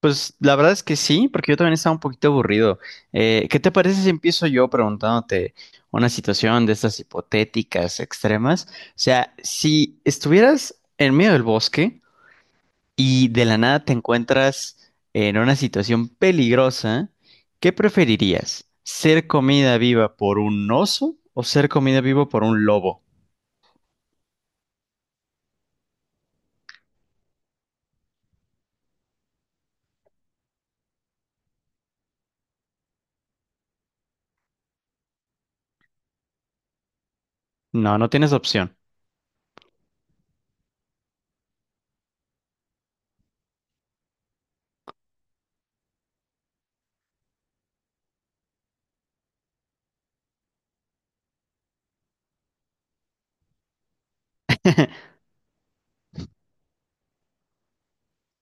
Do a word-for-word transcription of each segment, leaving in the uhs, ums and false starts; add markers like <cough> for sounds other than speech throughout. Pues la verdad es que sí, porque yo también estaba un poquito aburrido. Eh, ¿qué te parece si empiezo yo preguntándote una situación de estas hipotéticas extremas? O sea, si estuvieras en medio del bosque y de la nada te encuentras en una situación peligrosa, ¿qué preferirías? ¿Ser comida viva por un oso o ser comida viva por un lobo? No, no tienes opción.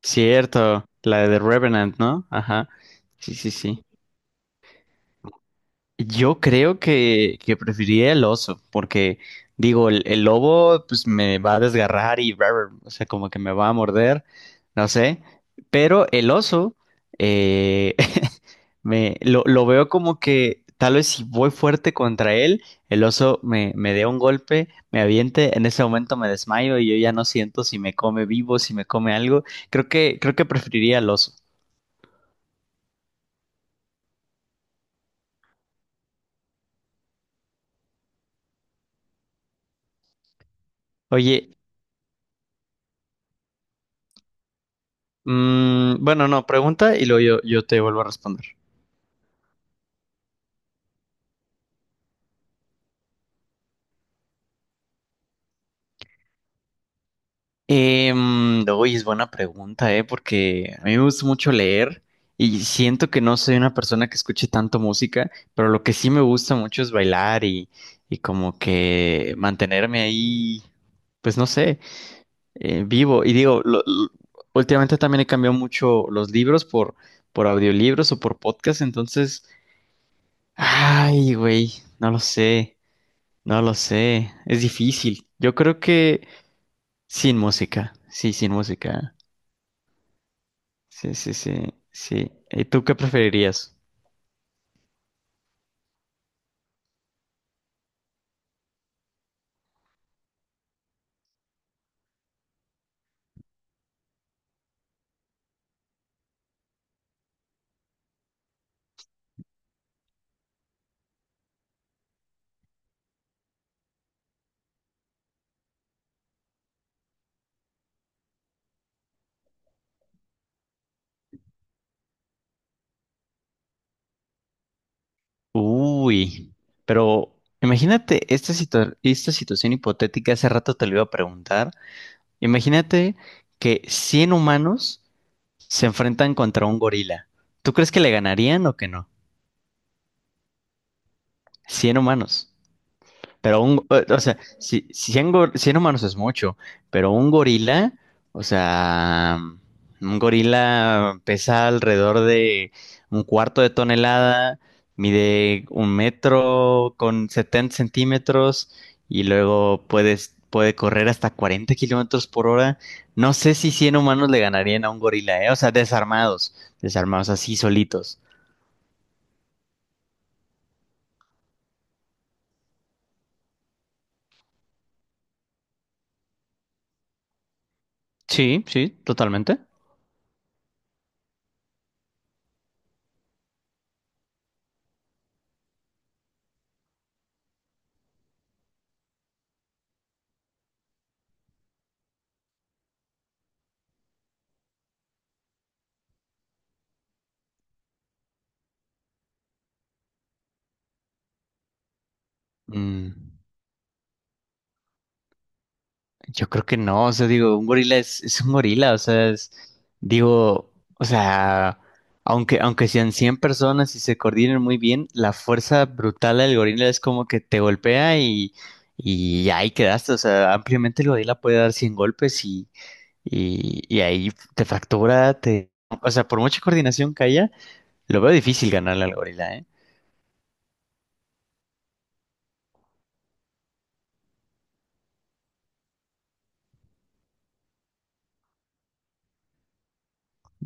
Cierto, la de The Revenant, ¿no? Ajá. Sí, sí, sí. Yo creo que, que preferiría el oso, porque digo, el, el lobo pues me va a desgarrar y rar, o sea, como que me va a morder, no sé, pero el oso eh, <laughs> me lo, lo veo como que tal vez si voy fuerte contra él, el oso me, me dé un golpe, me aviente, en ese momento me desmayo y yo ya no siento si me come vivo, si me come algo. Creo que, creo que preferiría el oso. Oye, mm, bueno, no, pregunta y luego yo, yo te vuelvo a responder. Em, uy, es buena pregunta, ¿eh? Porque a mí me gusta mucho leer y siento que no soy una persona que escuche tanto música, pero lo que sí me gusta mucho es bailar y, y como que mantenerme ahí, pues no sé, eh, vivo. Y digo, lo- lo- últimamente también he cambiado mucho los libros por, por audiolibros o por podcast, entonces, ay, güey, no lo sé, no lo sé, es difícil. Yo creo que sin música, sí, sin música. Sí, sí, sí, sí. ¿Y tú qué preferirías? Uy, pero imagínate esta situa- esta situación hipotética, hace rato te lo iba a preguntar. Imagínate que cien humanos se enfrentan contra un gorila. ¿Tú crees que le ganarían o que no? Cien humanos. Pero un, o sea, si, cien humanos es mucho, pero un gorila, o sea, un gorila pesa alrededor de un cuarto de tonelada, mide un metro con setenta centímetros y luego puedes, puede correr hasta cuarenta kilómetros por hora. No sé si cien humanos le ganarían a un gorila, ¿eh? O sea, desarmados, desarmados así solitos. Sí, sí, totalmente. Mm. Yo creo que no, o sea, digo, un gorila es, es un gorila, o sea, es- digo, o sea, aunque, aunque sean cien personas y se coordinen muy bien, la fuerza brutal del gorila es como que te golpea y, y ahí quedaste, o sea, ampliamente el gorila puede dar cien golpes y, y, y ahí te fractura, te... O sea, por mucha coordinación que haya, lo veo difícil ganarle al gorila, ¿eh?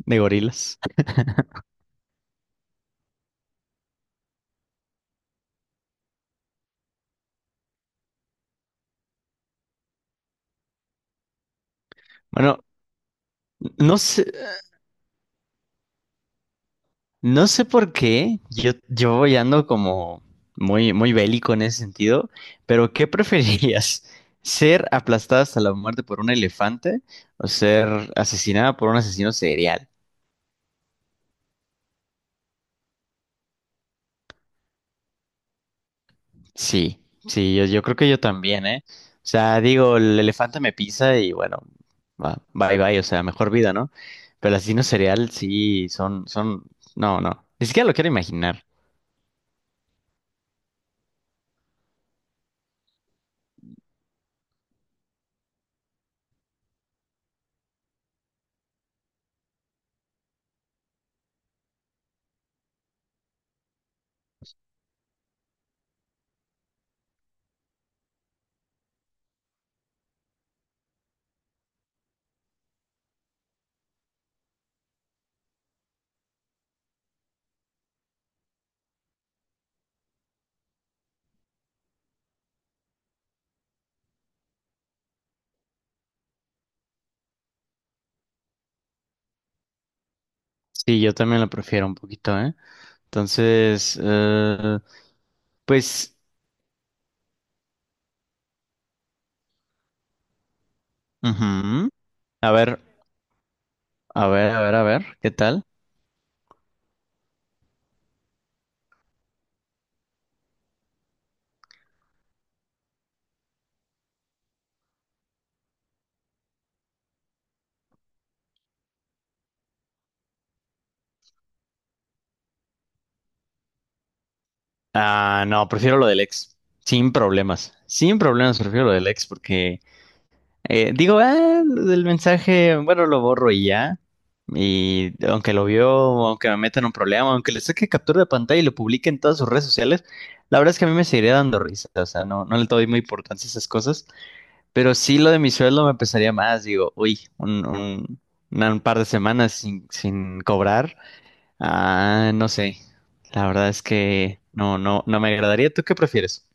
De gorilas. Bueno, no sé. No sé por qué, yo, yo voy ando como muy, muy bélico en ese sentido, pero ¿qué <laughs> preferirías? ¿Ser aplastada hasta la muerte por un elefante o ser asesinada por un asesino serial? Sí, sí, yo, yo creo que yo también, ¿eh? O sea, digo, el elefante me pisa y bueno, va, bye bye, o sea, mejor vida, ¿no? Pero el asesino serial sí, son, son, no, no, ni siquiera lo quiero imaginar. Sí, yo también lo prefiero un poquito, ¿eh? Entonces, eh, pues... Ujú. A ver, a ver, a ver, a ver, ¿qué tal? Ah, no, prefiero lo del ex, sin problemas, sin problemas prefiero lo del ex porque eh, digo, ah, lo del mensaje, bueno, lo borro y ya, y aunque lo vio, aunque me metan un problema, aunque le saque captura de pantalla y lo publique en todas sus redes sociales, la verdad es que a mí me seguiría dando risa, o sea, no, no le doy muy importancia a esas cosas, pero sí lo de mi sueldo me pesaría más, digo, uy, un, un, una- un par de semanas sin, sin cobrar. Ah, no sé. La verdad es que no, no, no me agradaría. ¿Tú qué prefieres?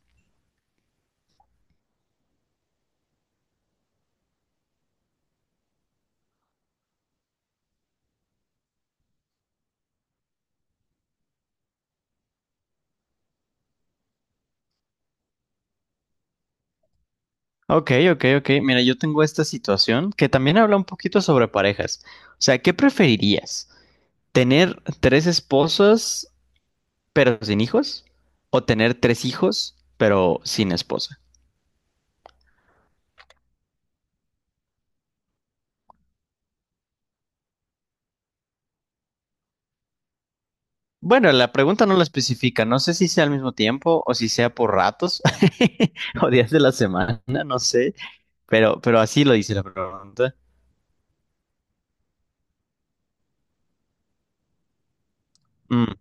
Ok, ok, ok. Mira, yo tengo esta situación que también habla un poquito sobre parejas. O sea, ¿qué preferirías? ¿Tener tres esposas pero sin hijos? ¿O tener tres hijos pero sin esposa? Bueno, la pregunta no la especifica. No sé si sea al mismo tiempo o si sea por ratos <laughs> o días de la semana, no sé. Pero, pero así lo dice la pregunta. Mm,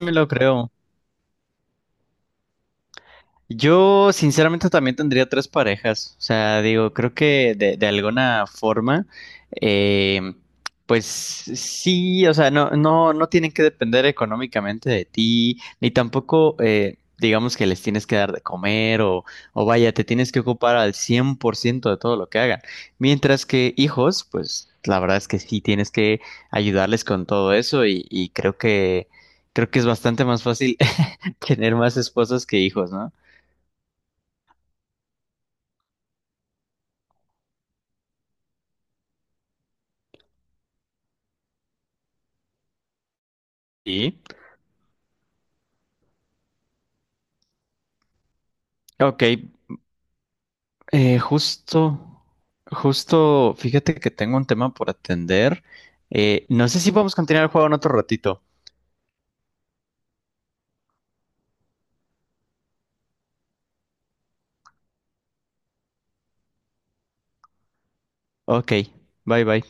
me lo creo. Yo sinceramente también tendría tres parejas. O sea, digo, creo que de, de alguna forma, eh, pues sí, o sea, no, no, no tienen que depender económicamente de ti, ni tampoco, eh, digamos que les tienes que dar de comer o, o vaya, te tienes que ocupar al cien por ciento de todo lo que hagan. Mientras que hijos, pues la verdad es que sí tienes que ayudarles con todo eso y, y creo que, creo que es bastante más fácil <laughs> tener más esposas que hijos, ¿no? Y, ok, eh, justo, justo, fíjate que tengo un tema por atender. Eh, no sé si podemos continuar el juego en otro ratito. Ok, bye bye.